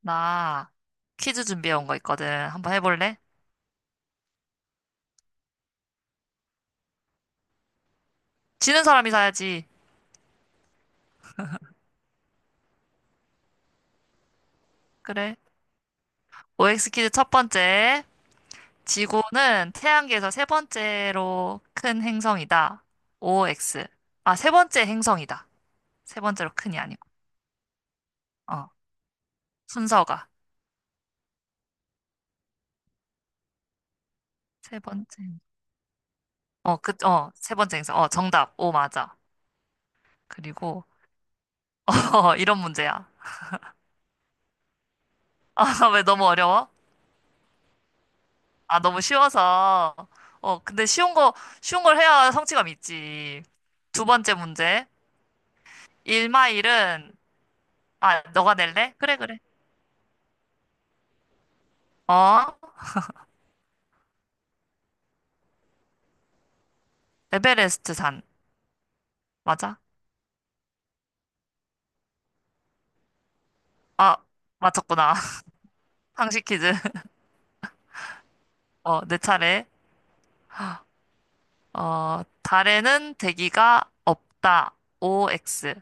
나 퀴즈 준비해 온 거 있거든. 한번 해볼래? 지는 사람이 사야지. 그래. OX 퀴즈 첫 번째. 지구는 태양계에서 세 번째로 큰 행성이다. OX. 아, 세 번째 행성이다. 세 번째로 큰이 아니고. 어, 순서가. 세 번째. 행- 세 번째 행성. 정답. 오, 맞아. 그리고, 이런 문제야. 왜 너무 어려워? 아, 너무 쉬워서. 근데 쉬운 걸 해야 성취감 있지. 두 번째 문제. 1마일은, 아, 너가 낼래? 그래, 그래. 어? 에베레스트 산. 맞아? 아, 맞췄구나. 상식 퀴즈. 내 차례. 달에는 대기가 없다. OX.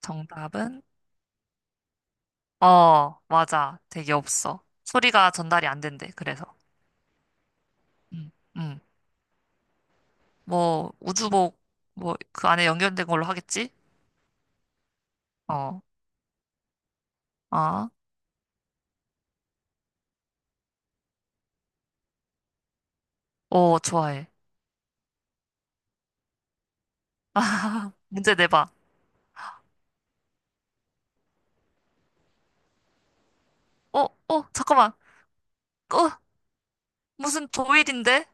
정답은? 어, 맞아. 대기 없어. 소리가 전달이 안 된대, 그래서. 음, 음. 뭐, 우주복, 뭐, 그 안에 연결된 걸로 하겠지? 어, 아, 오, 좋아해. 문제 내봐. 잠깐만. 어, 무슨 조일인데?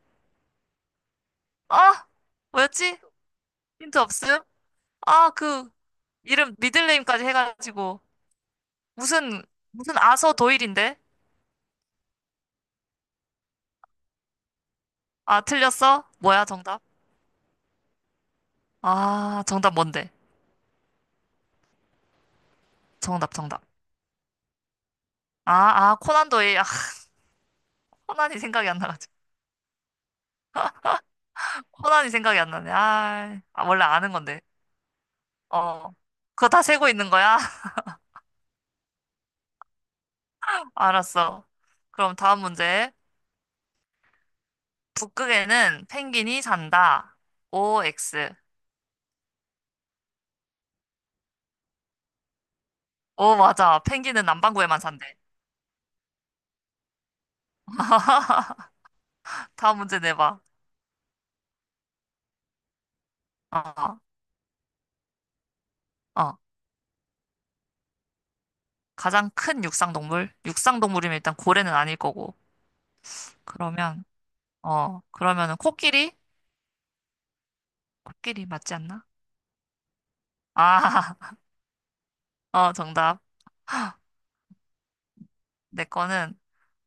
아, 뭐였지? 힌트 없음? 아, 이름, 미들네임까지 해가지고. 무슨, 무슨 아서 도일인데? 아, 틀렸어? 뭐야, 정답? 아, 정답 뭔데? 정답, 정답. 아, 아, 코난 도일. 아, 코난이 생각이 안 나가지고. 코난이 생각이 안 나네. 아, 원래 아는 건데. 어. 그거 다 세고 있는 거야? 알았어. 그럼 다음 문제. 북극에는 펭귄이 산다. OX. 오, 맞아. 펭귄은 남반구에만 산대. 다음 문제 내봐. 어, 어. 가장 큰 육상 동물? 육상 동물이면 일단 고래는 아닐 거고. 그러면, 그러면은 코끼리? 코끼리 맞지 않나? 아, 정답. 내 거는,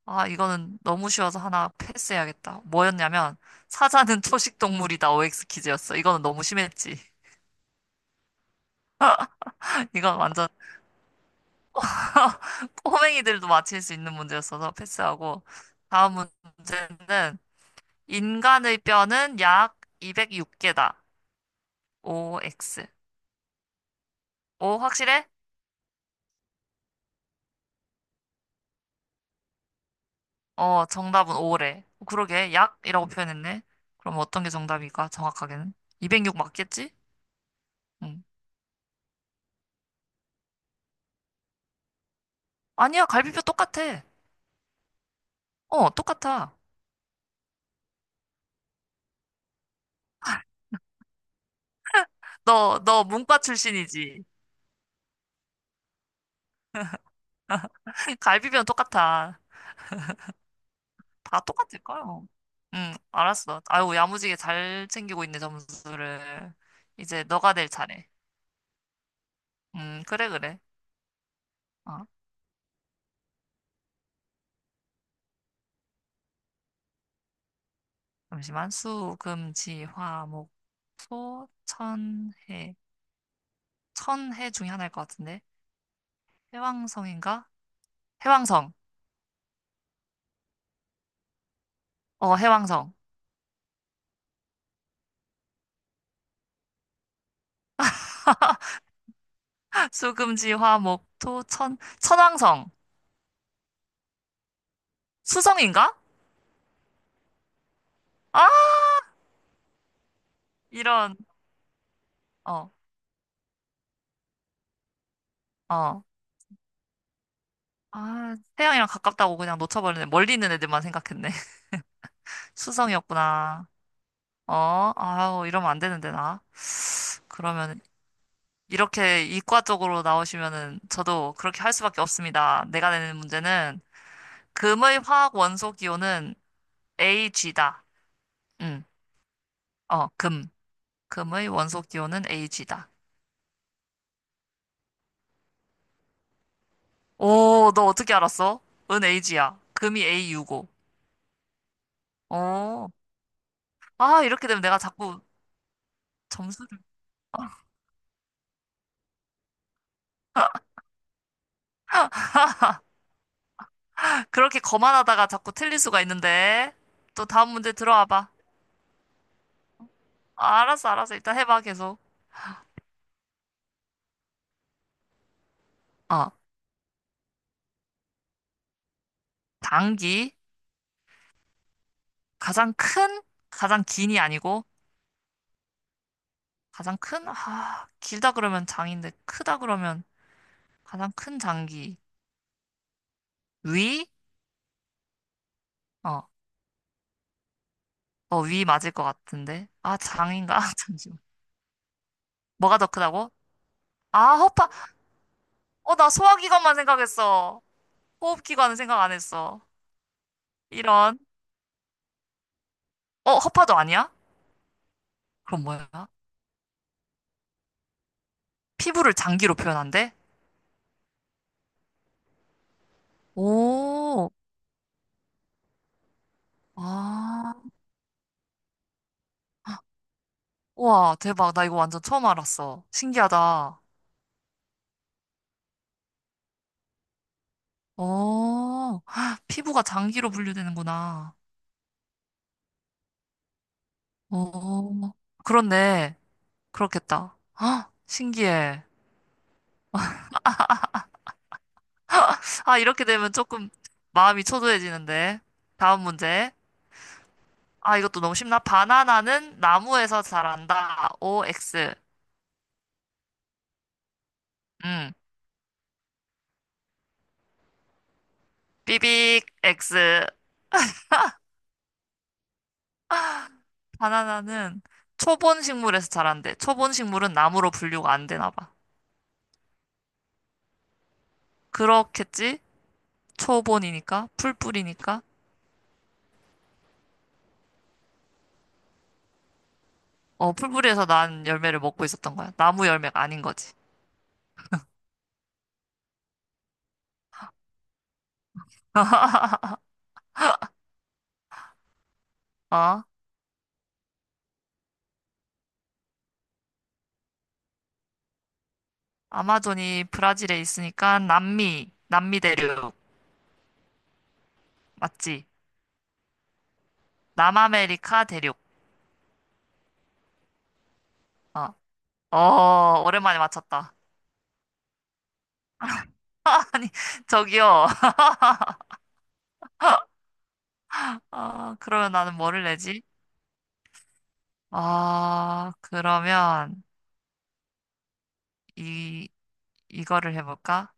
아, 이거는 너무 쉬워서 하나 패스해야겠다. 뭐였냐면, 사자는 초식 동물이다. OX 퀴즈였어. 이거는 너무 심했지. 이건 완전 꼬맹이들도 맞힐 수 있는 문제였어서 패스하고. 다음 문제는, 인간의 뼈는 약 206개다. OX. 오, 확실해? 정답은 O래. 그러게, 약이라고 표현했네. 그럼 어떤 게 정답일까, 정확하게는? 206 맞겠지? 응. 아니야, 갈비뼈 똑같아. 똑같아. 너 문과 출신이지? 갈비뼈는 똑같아. 다 똑같을 거야. 응, 알았어. 아유, 야무지게 잘 챙기고 있네, 점수를. 이제 너가 될 차례. 그래, 그래. 어, 잠시만. 수, 금, 지, 화, 목, 소, 천, 해. 천해 중에 하나일 것 같은데. 해왕성인가? 해왕성. 해왕성. 수금지, 화, 목, 토, 천, 천왕성. 수성인가? 아, 이런, 어, 어. 아, 태양이랑 가깝다고 그냥 놓쳐버리네. 멀리 있는 애들만 생각했네. 수성이었구나. 아우, 이러면 안 되는데, 나. 그러면, 이렇게 이과 쪽으로 나오시면은, 저도 그렇게 할 수밖에 없습니다. 내가 내는 문제는, 금의 화학 원소 기호는 AG다. 응, 금. 금의 원소 기호는 Ag다. 오, 너 어떻게 알았어? 은 Ag야. 금이 AU고. 어. 아, 이렇게 되면 내가 자꾸 점수를 그렇게 거만하다가 자꾸 틀릴 수가 있는데. 또 다음 문제 들어와 봐. 아, 알았어, 알았어. 일단 해봐, 계속. 어, 당기. 가장 큰? 가장 긴이 아니고. 가장 큰? 아, 길다 그러면 장인데, 크다 그러면 가장 큰 장기. 위? 어, 위 맞을 것 같은데. 아, 장인가? 잠시만. 뭐가 더 크다고? 아, 허파. 나 소화기관만 생각했어. 호흡기관은 생각 안 했어. 이런. 허파도 아니야? 그럼 뭐야? 피부를 장기로 표현한대? 오, 아. 와, 대박. 나 이거 완전 처음 알았어. 신기하다. 어, 헉, 피부가 장기로 분류되는구나. 어, 그렇네. 그렇겠다. 헉, 신기해. 아, 이렇게 되면 조금 마음이 초조해지는데. 다음 문제. 아, 이것도 너무 쉽나? 바나나는 나무에서 자란다. OX. 응. 삐빅 X. 바나나는 초본 식물에서 자란대. 초본 식물은 나무로 분류가 안 되나 봐. 그렇겠지? 초본이니까, 풀뿌리니까. 어, 풀뿌리에서 난 열매를 먹고 있었던 거야. 나무 열매가 아닌 거지. 어? 아마존이 브라질에 있으니까 남미, 남미 대륙. 맞지? 남아메리카 대륙. 어, 오랜만에 맞췄다. 아니, 저기요. 아, 그러면 나는 뭐를 내지? 아, 그러면 이 이거를 해볼까?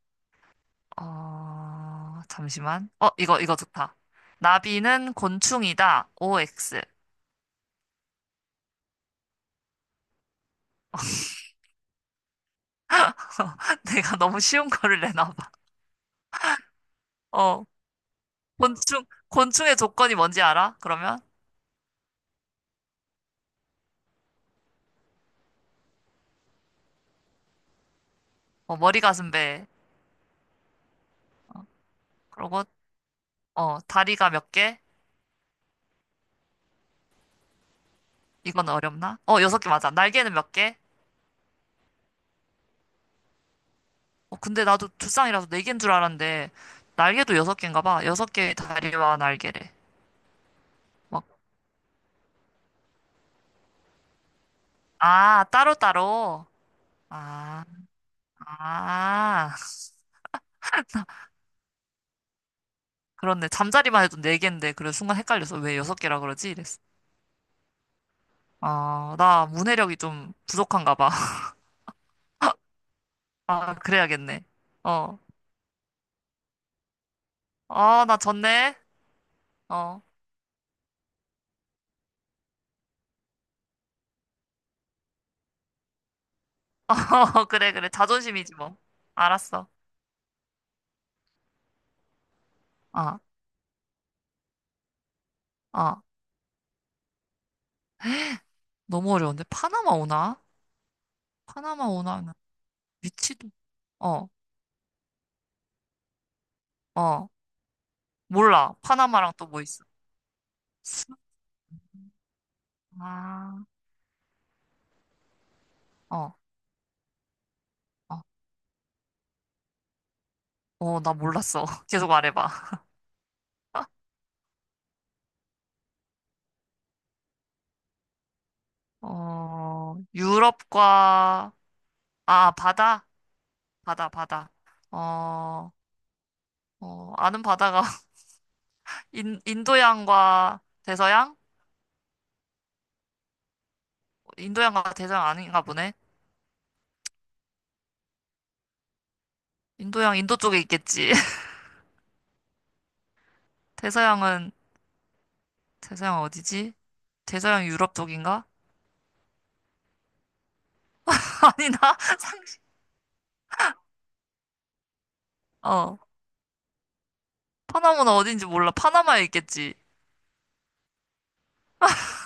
잠시만. 이거 좋다. 나비는 곤충이다. OX. 내가 너무 쉬운 거를 내나 봐. 어, 곤충의 조건이 뭔지 알아? 그러면 머리 가슴 배. 그러고 다리가 몇 개? 이건 어렵나? 어, 여섯 개 맞아. 날개는 몇 개? 근데 나도 두쌍이라서 네 개인 줄 알았는데 날개도 여섯 개인가 봐. 여섯 개의 다리와 날개래. 막, 아, 따로따로? 아, 아, 그렇네. 잠자리만 해도 네개인데 그래, 순간 헷갈려서 왜 여섯 개라 그러지? 이랬어. 아, 나 문해력이 좀 부족한가 봐. 아, 그래야겠네. 어. 아, 나 졌네. 어. 어, 그래, 그래. 자존심이지, 뭐. 알았어. 아, 아. 너무 어려운데? 파나마 오나? 파나마 오나는 위치도, 어, 어. 몰라. 파나마랑 또 뭐 있어? 수- 아, 어, 어. 나 몰랐어. 계속 말해봐. 유럽과, 아, 바다? 바다, 바다. 어, 아는 바다가 인도양과 대서양? 인도양과 대서양 아닌가 보네. 인도양, 인도 쪽에 있겠지. 대서양은, 대서양 어디지? 대서양 유럽 쪽인가? 아니, 나 상식, 어. 파나마는 어딘지 몰라. 파나마에 있겠지.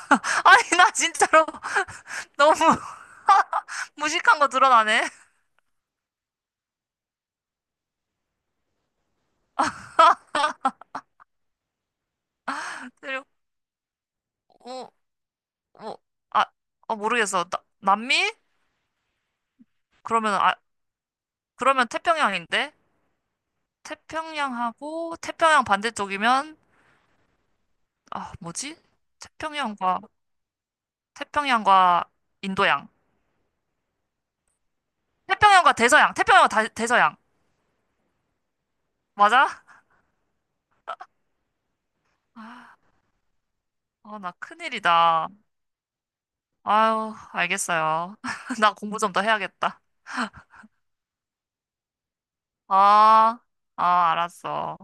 아니, 나 진짜로 너무 무식한 거 드러나네. 그리고, 어, 어, 아, 아, 모르겠어. 남미? 그러면 아, 그러면 태평양인데? 태평양하고 태평양 반대쪽이면 아, 뭐지? 태평양과 태평양과 인도양. 태평양과 대서양. 태평양과 다- 대서양. 맞아? 아, 나 큰일이다. 아유, 알겠어요. 나 공부 좀 더 해야겠다. 아, 아, 알았어.